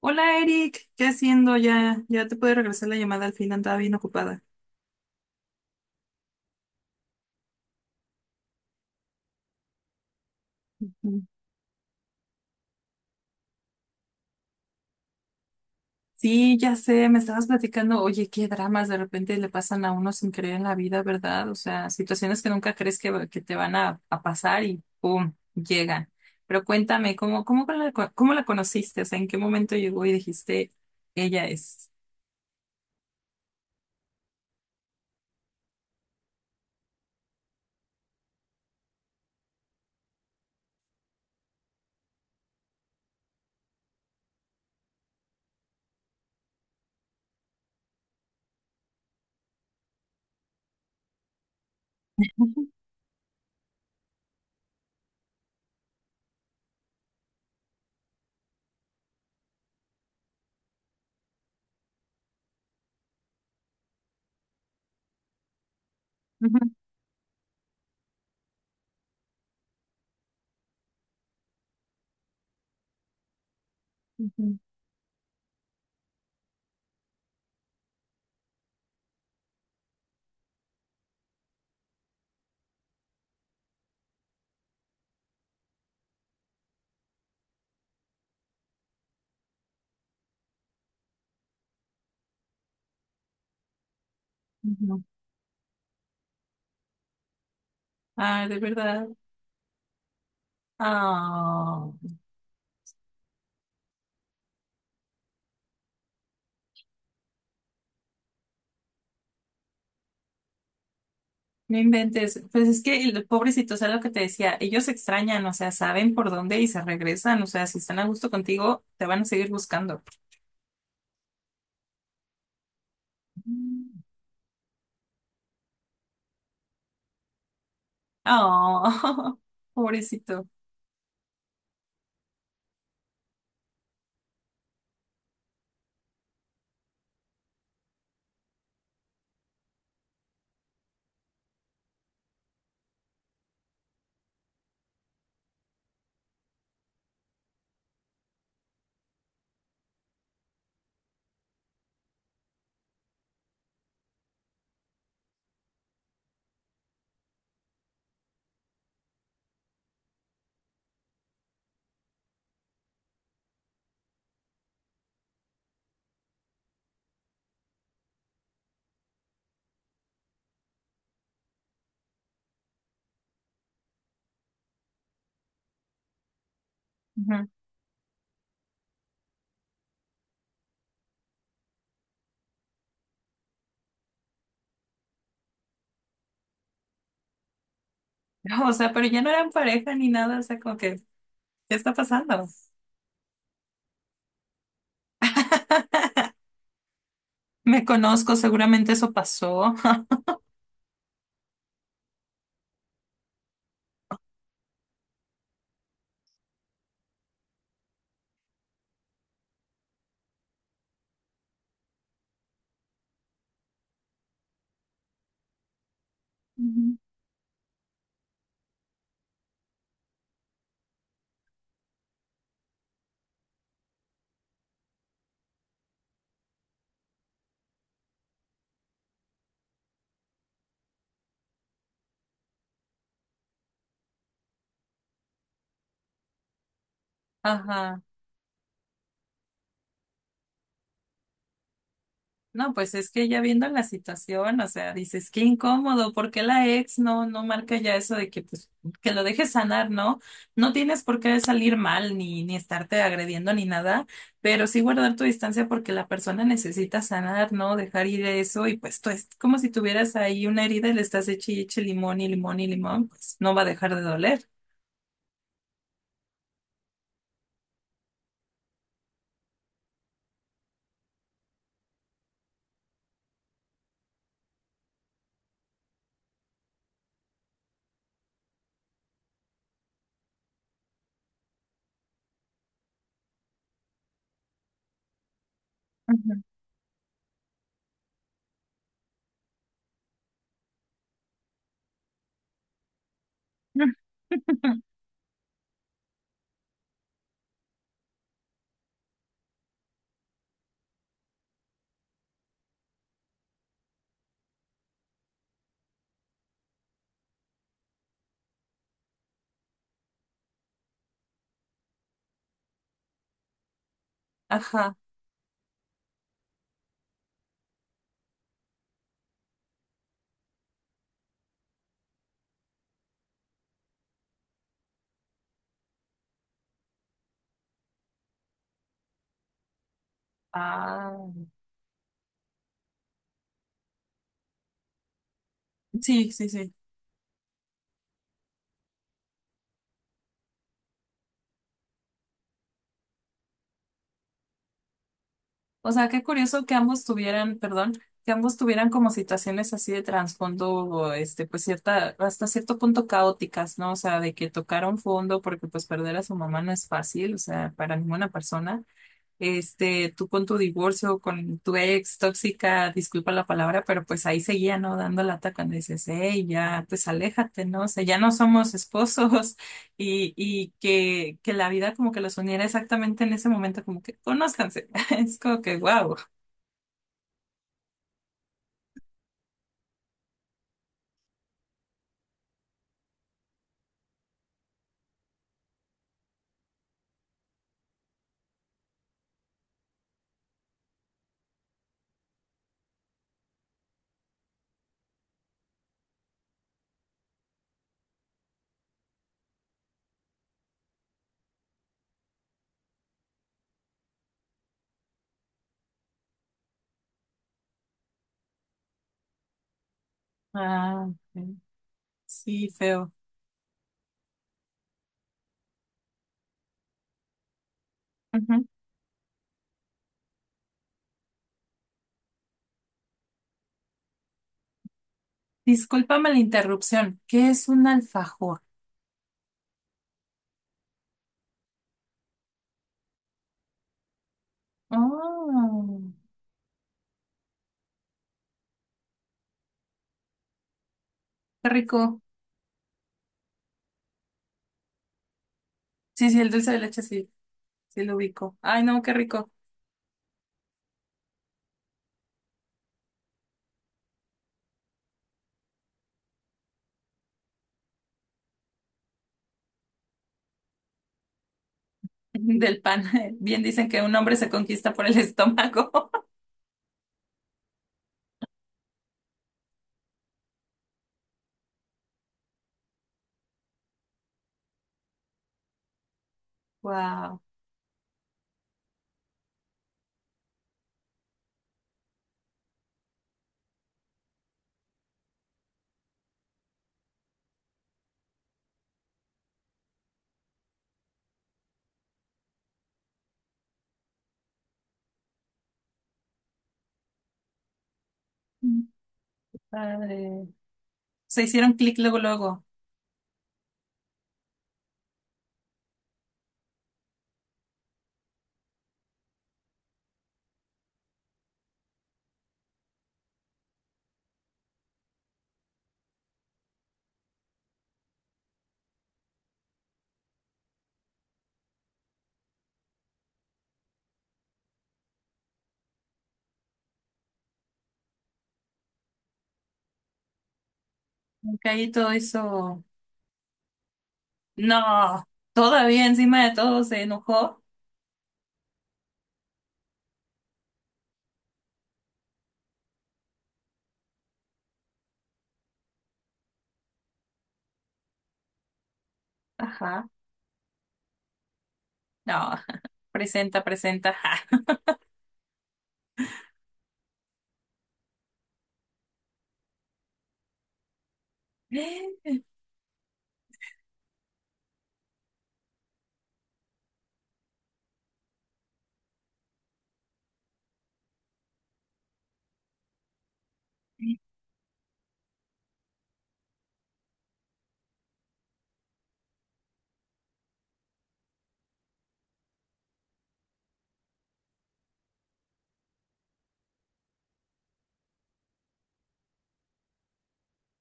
Hola Eric, ¿qué haciendo? Ya te puede regresar la llamada al fin, andaba bien ocupada. Mm. Sí, ya sé, me estabas platicando, oye, qué dramas de repente le pasan a uno sin creer en la vida, ¿verdad? O sea, situaciones que nunca crees que te van a pasar y ¡pum! Llegan. Pero cuéntame, ¿cómo, cómo la conociste? O sea, ¿en qué momento llegó y dijiste, ella es? Ujú, ujú, ujú. Ujú. Ah, de verdad. Ah. No inventes, pues es que el pobrecito, o sea, lo que te decía, ellos extrañan, o sea, saben por dónde y se regresan, o sea, si están a gusto contigo, te van a seguir buscando. Oh, pobrecito. Ujú. No, o sea, pero ya no eran pareja ni nada, o sea, como que, ¿qué está pasando? Me conozco, seguramente eso pasó. Ujú. Ajá. No, pues es que ya viendo la situación, o sea, dices, qué incómodo, ¿por qué la ex no marca ya eso de que, pues, que lo dejes sanar, ¿no? No tienes por qué salir mal, ni, ni estarte agrediendo, ni nada, pero sí guardar tu distancia porque la persona necesita sanar, ¿no? Dejar ir eso, y pues tú es como si tuvieras ahí una herida y le estás eche, y eche limón y limón y limón, pues no va a dejar de doler. Ajá. Ah, sí, sí, sí. O sea, qué curioso que ambos tuvieran, perdón, que ambos tuvieran como situaciones así de trasfondo, o, este, pues cierta, hasta cierto punto caóticas, ¿no? O sea, de que tocaron fondo porque pues perder a su mamá no es fácil, o sea, para ninguna persona. Este, tú con tu divorcio, con tu ex tóxica, disculpa la palabra, pero pues ahí seguía, ¿no? Dando lata cuando dices, hey, ya, pues aléjate, ¿no? O sea, ya no somos esposos y que la vida como que los uniera exactamente en ese momento, como que conózcanse. Es como que, wow. Ah, ok. Sí, feo. Ujú. Discúlpame la interrupción. ¿Qué es un alfajor? Oh, qué rico. Sí, sí, el dulce de leche, sí, sí lo ubico. Ay, no, qué rico. Del pan. Bien dicen que un hombre se conquista por el estómago. Wow. Padre. Se hicieron clic luego, luego. Caí todo eso. No. Todavía encima de todo se enojó. Ajá. No. Presenta, presenta. Ajá.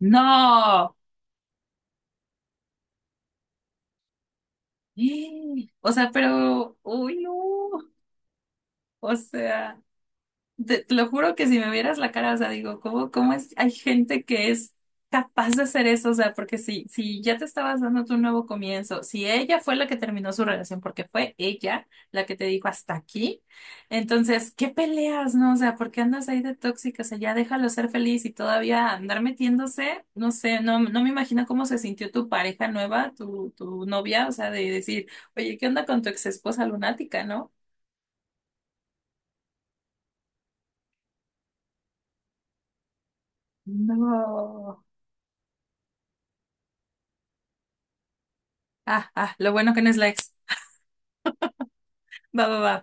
No. O sea, pero. Uy, no. O sea. Te lo juro que si me vieras la cara, o sea, digo, ¿cómo, cómo es? Hay gente que es capaz de hacer eso, o sea, porque si, si ya te estabas dando tu nuevo comienzo, si ella fue la que terminó su relación, porque fue ella la que te dijo hasta aquí, entonces, ¿qué peleas, no? O sea, ¿por qué andas ahí de tóxica? O sea, ya déjalo ser feliz y todavía andar metiéndose, no sé, no, no me imagino cómo se sintió tu pareja nueva, tu novia, o sea, de decir, oye, ¿qué onda con tu ex esposa lunática, no? No. Ah, ah, lo bueno que no es la ex. Va, va, va,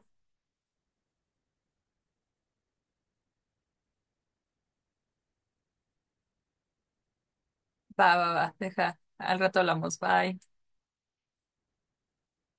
va, va, va. Deja, al rato hablamos. Bye.